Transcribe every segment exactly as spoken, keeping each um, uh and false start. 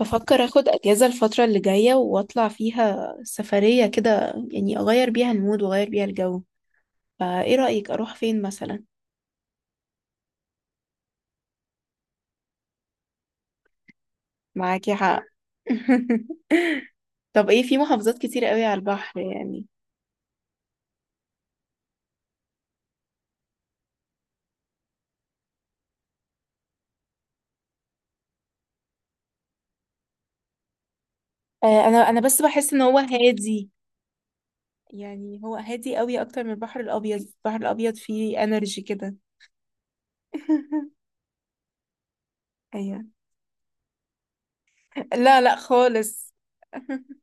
بفكر اخد اجازة الفترة اللي جاية واطلع فيها سفرية كده، يعني اغير بيها المود واغير بيها الجو. فايه رأيك اروح فين مثلا؟ معاكي حق. طب ايه، في محافظات كتير قوي على البحر يعني. آه، انا انا بس بحس ان هو هادي. يعني هو هادي قوي اكتر من البحر الابيض. البحر الابيض فيه انرجي كده. ايوه. لا لا خالص.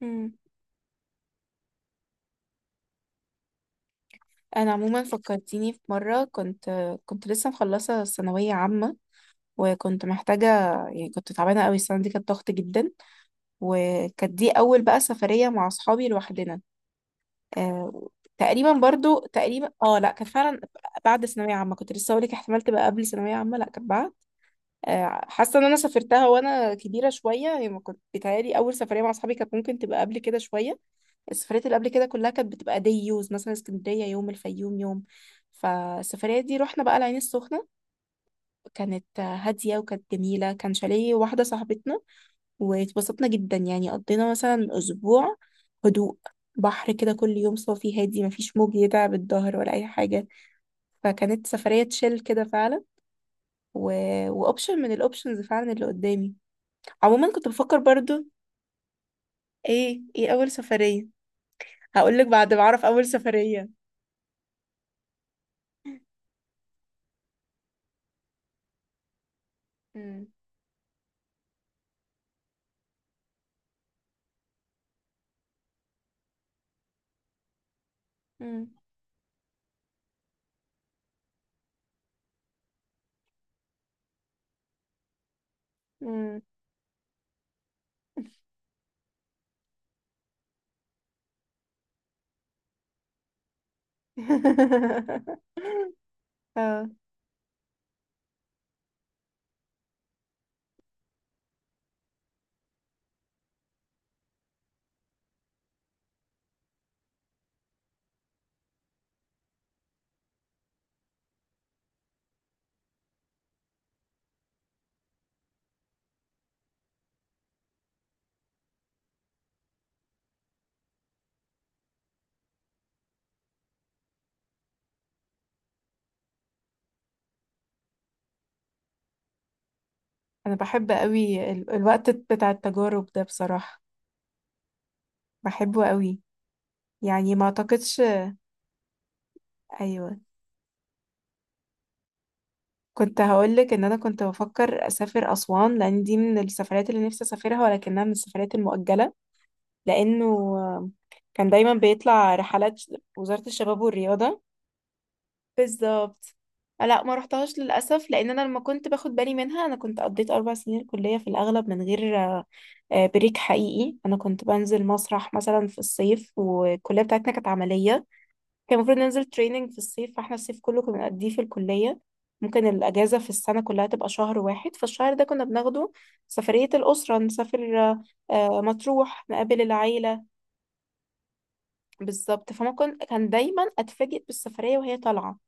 مم. انا عموما فكرتيني في مره، كنت كنت لسه مخلصه ثانويه عامه، وكنت محتاجة، يعني كنت تعبانة قوي، السنة دي كانت ضغط جدا، وكانت دي أول بقى سفرية مع أصحابي لوحدنا. آه تقريبا برضو تقريبا، اه لا كانت فعلا بعد ثانوية عامة. كنت لسه هقولك احتمال تبقى قبل ثانوية عامة، لا كانت بعد. آه حاسة ان انا سافرتها وانا كبيرة شوية، يعني ما كنت بيتهيألي اول سفرية مع اصحابي كانت ممكن تبقى قبل كده شوية. السفريات اللي قبل كده كلها كانت بتبقى دي يوز، مثلا اسكندرية يوم، الفيوم يوم. فالسفرية دي رحنا بقى العين السخنة، كانت هادية وكانت جميلة، كان شاليه واحدة صاحبتنا، واتبسطنا جدا. يعني قضينا مثلا أسبوع هدوء، بحر كده كل يوم صافي هادي، مفيش موج يتعب الظهر ولا أي حاجة. فكانت سفرية تشيل كده فعلا، و... وأوبشن من الأوبشنز فعلا اللي قدامي. عموما كنت بفكر برضو. إيه إيه أول سفرية؟ هقولك بعد ما أعرف أول سفرية. مم. مم. مم. اه. انا بحب قوي ال- الوقت بتاع التجارب ده بصراحة، بحبه قوي. يعني ما اعتقدش. ايوه كنت هقولك ان انا كنت بفكر اسافر اسوان، لان دي من السفرات اللي نفسي اسافرها، ولكنها من السفرات المؤجله. لانه كان دايما بيطلع رحلات ش- وزاره الشباب والرياضه. بالظبط. لا ما رحتهاش للاسف، لان انا لما كنت باخد بالي منها انا كنت قضيت اربع سنين الكليه في الاغلب من غير آه، بريك حقيقي. انا كنت بنزل مسرح مثلا في الصيف، والكليه بتاعتنا كانت عمليه، كان المفروض ننزل تريننج في الصيف، فاحنا الصيف كله كنا بنقضيه في الكلية. ممكن الأجازة في السنة كلها تبقى شهر واحد، فالشهر ده كنا بناخده سفرية الأسرة نسافر آه، مطروح، نقابل العيلة. بالظبط، فما كنت، كان دايما أتفاجئ بالسفرية وهي طالعة،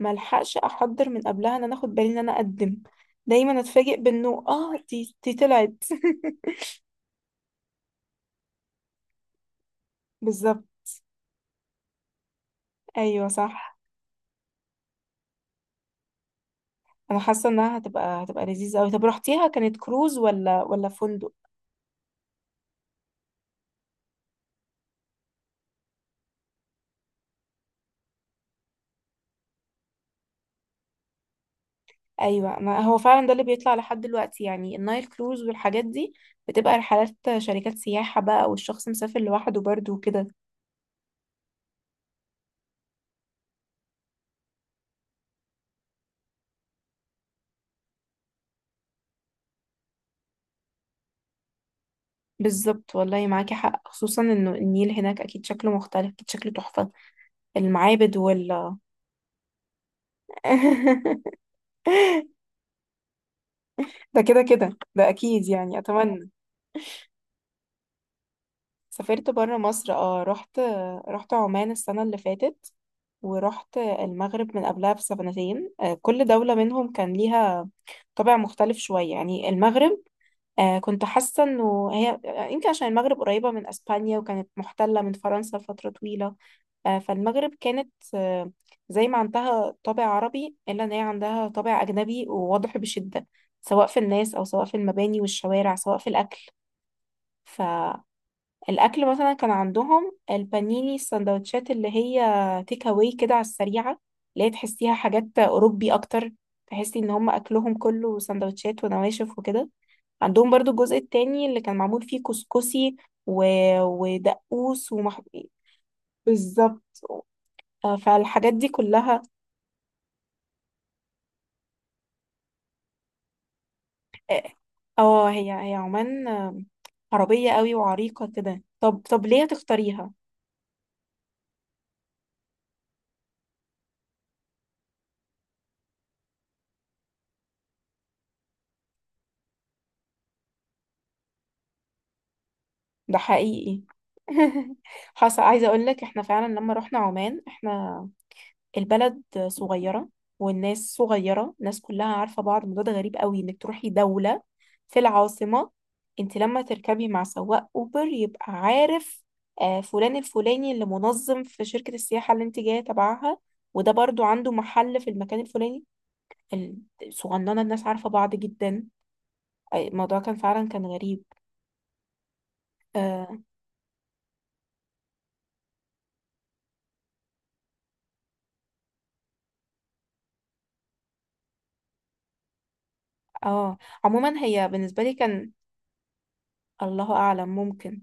ملحقش أحضر من قبلها إن أنا أخد بالي إن أنا أقدم. دايما أتفاجئ بإنه آه دي دي طلعت. بالظبط. أيوه صح. أنا حاسة إنها هتبقى هتبقى لذيذة أوي. طب رحتيها، كانت كروز ولا ولا فندق؟ ايوه، ما هو فعلا ده اللي بيطلع لحد دلوقتي، يعني النايل كروز والحاجات دي بتبقى رحلات شركات سياحة بقى، والشخص مسافر لوحده برضه وكده. بالظبط والله، معاكي حق، خصوصا انه النيل هناك اكيد شكله مختلف، اكيد شكله تحفة، المعابد وال ده كده كده ده اكيد يعني، اتمنى. سافرت بره مصر اه، رحت، رحت عمان السنة اللي فاتت، ورحت المغرب من قبلها بسنتين. آه، كل دولة منهم كان ليها طابع مختلف شوية يعني. المغرب، آه كنت حاسة انه هي، آه، يمكن عشان المغرب قريبة من اسبانيا، وكانت محتلة من فرنسا لفترة طويلة. آه فالمغرب كانت، آه زي ما عندها طابع عربي الا ان هي عندها طابع اجنبي وواضح بشدة، سواء في الناس او سواء في المباني والشوارع، سواء في الاكل. فالاكل مثلا كان عندهم البانيني، السندوتشات اللي هي تيك اواي كده على السريعة، اللي هي تحسيها حاجات اوروبي اكتر. تحسي ان هم اكلهم كله سندوتشات ونواشف وكده. عندهم برضو الجزء التاني اللي كان معمول فيه كسكسي، و... ودقوس ومح... بالظبط. آه، فالحاجات دي كلها. اه. آه، هي هي عمان، آه، عربية قوي وعريقة كده. طب طب ليه تختاريها؟ ده حقيقي. حصل، عايزة اقول لك احنا فعلا لما رحنا عمان، احنا، البلد صغيرة، والناس صغيرة، الناس كلها عارفة بعض. الموضوع ده غريب قوي، انك تروحي دولة، في العاصمة، انت لما تركبي مع سواق اوبر يبقى عارف آه، فلان الفلاني اللي منظم في شركة السياحة اللي انت جاية تبعها، وده برضو عنده محل في المكان الفلاني. الصغننة، الناس عارفة بعض جدا. آه، الموضوع كان فعلا كان غريب. اه. آه. عموما هي بالنسبة لي كان، الله أعلم، ممكن.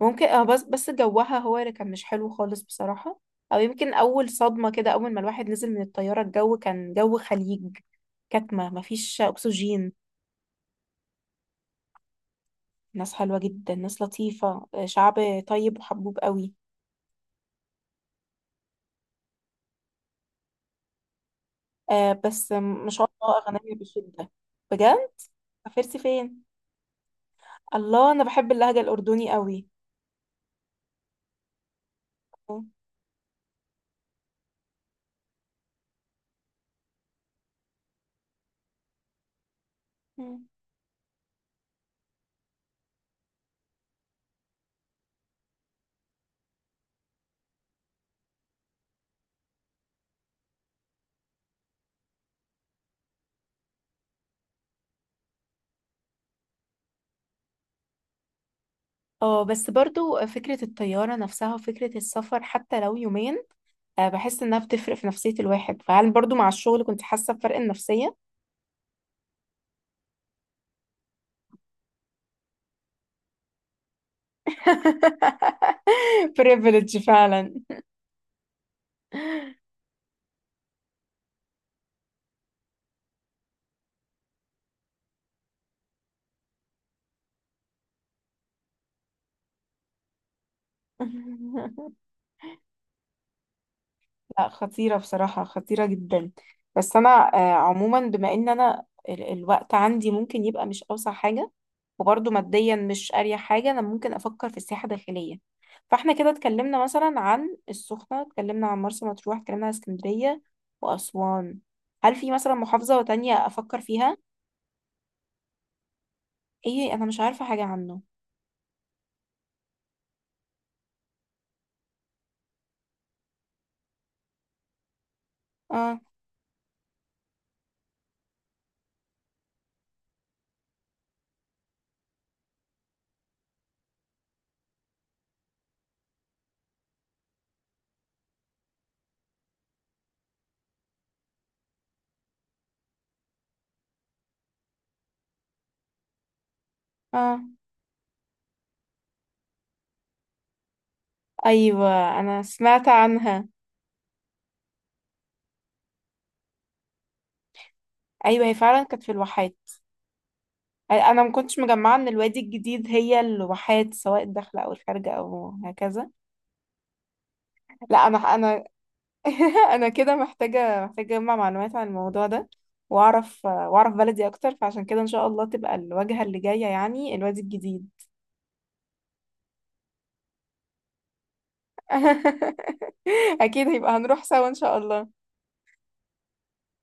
ممكن اه، بس بس جوها هو اللي كان مش حلو خالص بصراحة. او يمكن اول صدمة كده، اول ما الواحد نزل من الطيارة، الجو كان جو خليج، كتمة مفيش اكسجين. ناس حلوة جدا، ناس لطيفة، آه، شعب طيب وحبوب قوي. آه بس ما شاء الله اغنياء بشدة، بجد. سافرتي فين؟ الله، انا بحب اللهجة الاردني قوي. اه بس برضو فكرة الطيارة نفسها وفكرة السفر حتى لو يومين، آه، بحس انها بتفرق في نفسية الواحد. فهل برضو مع الشغل كنت حاسة بفرق النفسية؟ privilege فعلا. لا خطيرة بصراحة، خطيرة جدا. بس انا آه، عموما، بما ان انا ال- الوقت عندي ممكن يبقى مش اوسع حاجة، وبرضو ماديا مش اريح حاجة، انا ممكن افكر في السياحة الداخلية. فاحنا كده اتكلمنا مثلا عن السخنة، اتكلمنا عن مرسى مطروح، اتكلمنا عن اسكندرية واسوان. هل في مثلا محافظة تانية افكر فيها؟ ايه، انا مش عارفة حاجة عنه. اه اه. ايوه انا سمعت عنها. ايوه هي فعلا كانت في الواحات. انا ما كنتش مجمعة ان الوادي الجديد هي الواحات، سواء الداخلة او الخارجة او هكذا. لا انا انا. انا كده محتاجة محتاجة اجمع معلومات عن الموضوع ده، واعرف واعرف بلدي اكتر، فعشان كده ان شاء الله تبقى الواجهة اللي جاية يعني الوادي الجديد. اكيد، هيبقى هنروح سوا ان شاء الله.